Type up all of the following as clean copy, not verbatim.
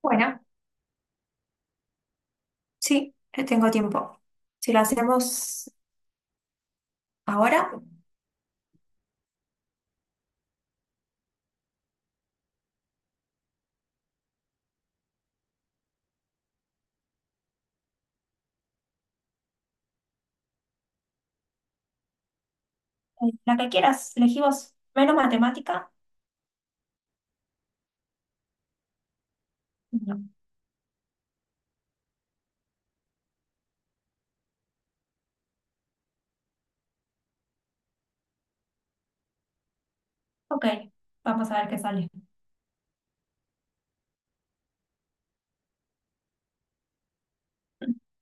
Bueno, sí, tengo tiempo. Si lo hacemos ahora, la que quieras, elegí vos. Menos matemática. No. Ok, vamos a ver qué sale.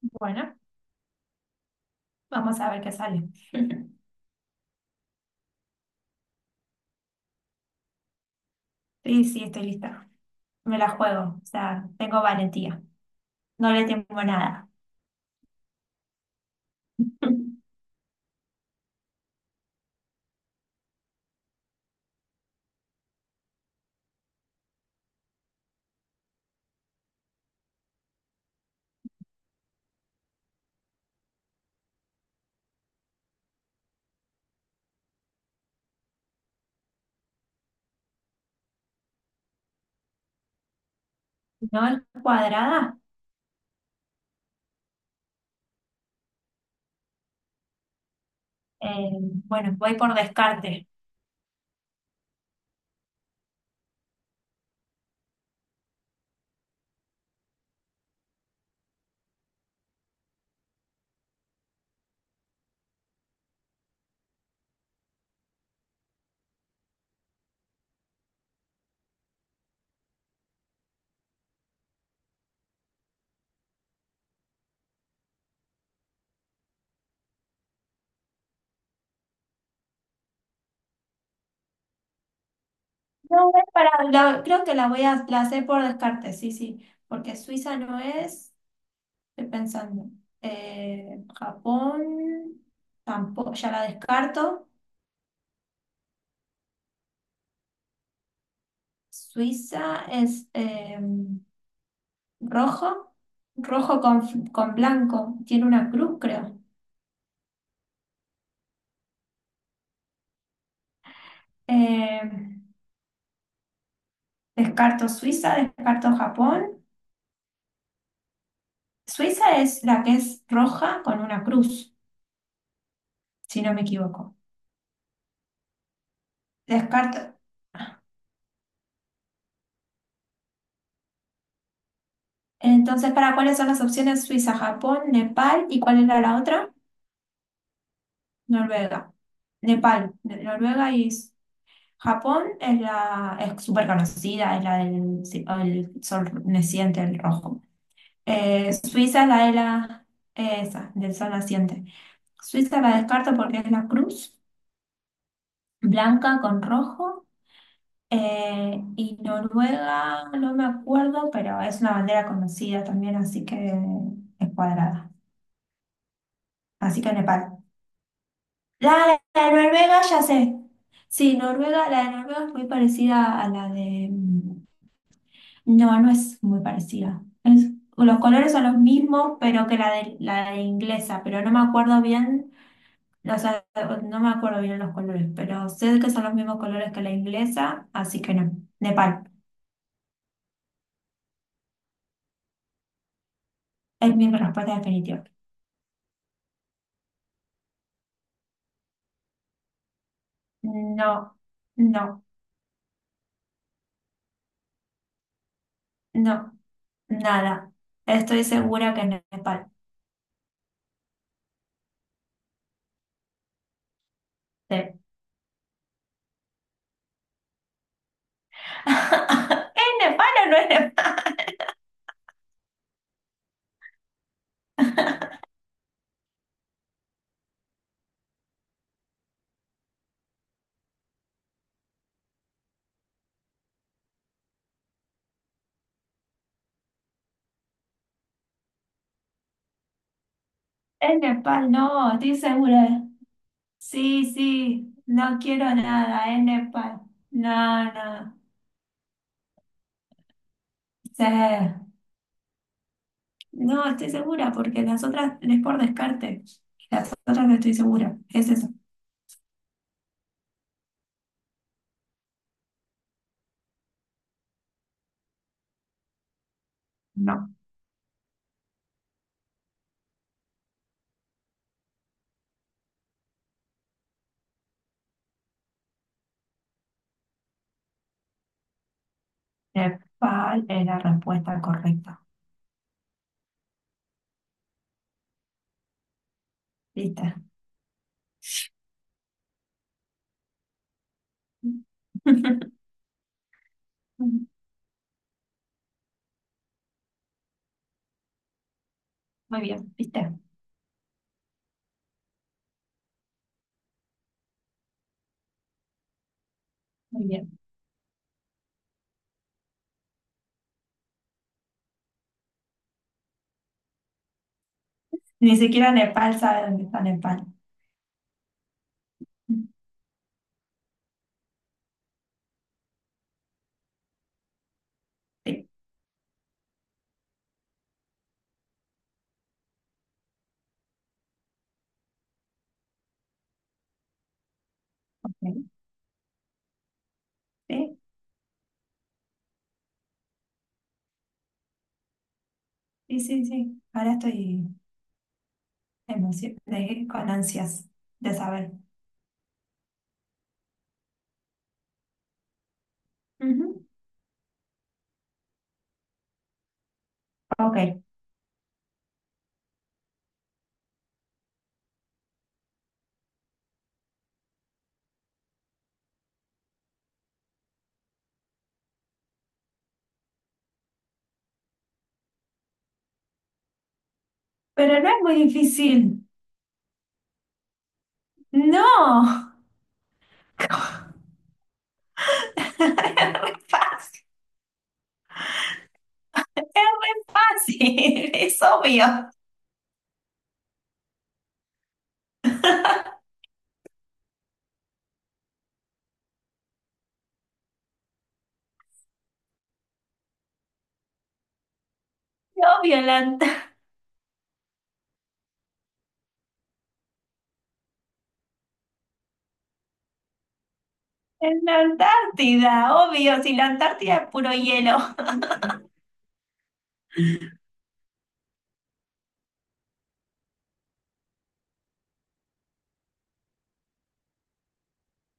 Bueno, vamos a ver qué sale. Sí, sí, estoy lista. Me la juego, o sea, tengo valentía. No le temo nada. No es cuadrada. Eh, bueno, voy por descarte. No, es para, creo que la voy a la hacer por descarte, sí, sí, porque Suiza no es. Estoy pensando. Japón, tampoco, ya la descarto. Suiza es rojo, rojo con, con blanco. Tiene una cruz, creo. Eh, descarto Suiza, descarto Japón. Suiza es la que es roja con una cruz, si no me equivoco. Descarto. Entonces, ¿para cuáles son las opciones? Suiza, Japón, Nepal y ¿cuál era la otra? Noruega. Nepal, Noruega y Japón es la es súper conocida, es la el sol naciente, el rojo. Suiza es la de la E, esa, del sol naciente. Suiza la descarto porque es la cruz blanca con rojo. Y Noruega, no me acuerdo, pero es una bandera conocida también, así que es cuadrada. Así que Nepal. La de Noruega, ya sé. Sí, Noruega, la de Noruega es muy parecida a la de. No, no es muy parecida. Es- los colores son los mismos, pero que la de inglesa, pero no me acuerdo bien, o sea, no me acuerdo bien los colores, pero sé que son los mismos colores que la inglesa, así que no. Nepal, es mi respuesta definitiva. No, no, no, nada. Estoy segura que es Nepal. Sí. ¿Es Nepal o no es Nepal? Es Nepal, no, estoy segura. Sí, sí, no quiero nada, es Nepal. No, no. Sí. No, estoy segura porque las otras es por descarte. Las otras no estoy segura. Es eso. No. Nepal es la respuesta correcta. ¿Viste? Muy bien, ¿viste? Muy bien. Ni siquiera Nepal sabe dónde está Nepal. Sí, ok. Sí, sí, sí. Sí. Ahora estoy con ansias de saber. Ujú. Ok. Pero no es muy difícil. No. Es re fácil. Es muy fácil, es obvio. Es obvio, en la Antártida, obvio, si la Antártida es puro hielo.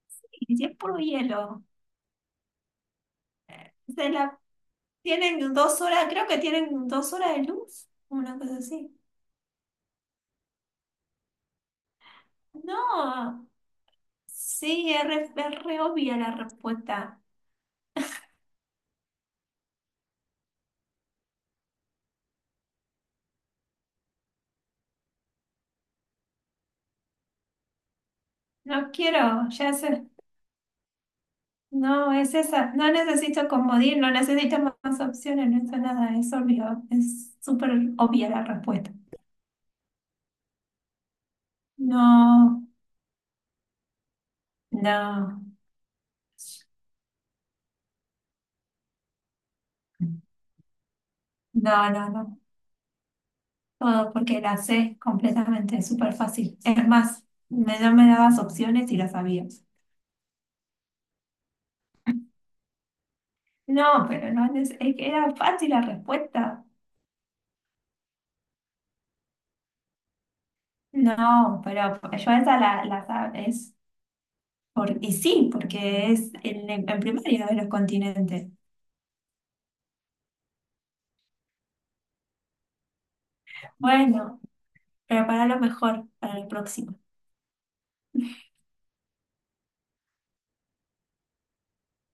Y si es puro hielo, se la, tienen dos horas, creo que tienen 2 horas de luz, una cosa así. No, sí, es re obvia la respuesta. No quiero, ya sé. No, es esa. No necesito comodín, no necesito más, más opciones, no es nada, es obvio, es súper obvia la respuesta. No. No, no, no, no. Todo porque la sé completamente, súper fácil. Es más, no me dabas opciones y las sabía. No, pero no es, es que era fácil la respuesta. No, pero yo esa es por, y sí, porque es en primaria de los continentes. Bueno, prepara lo mejor para el próximo.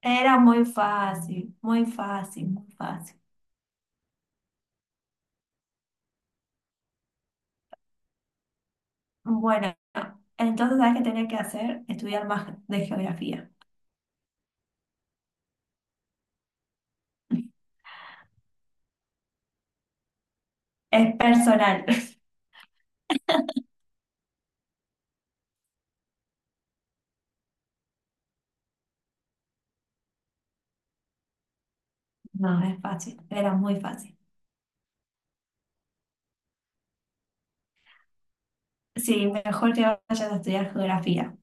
Era muy fácil, muy fácil, muy fácil. Bueno, entonces, ¿sabes qué tenía que hacer? Estudiar más de geografía. Es personal. No, es fácil, era muy fácil. Sí, mejor que vayas a estudiar geografía.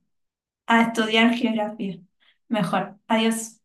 A estudiar geografía. Mejor. Adiós.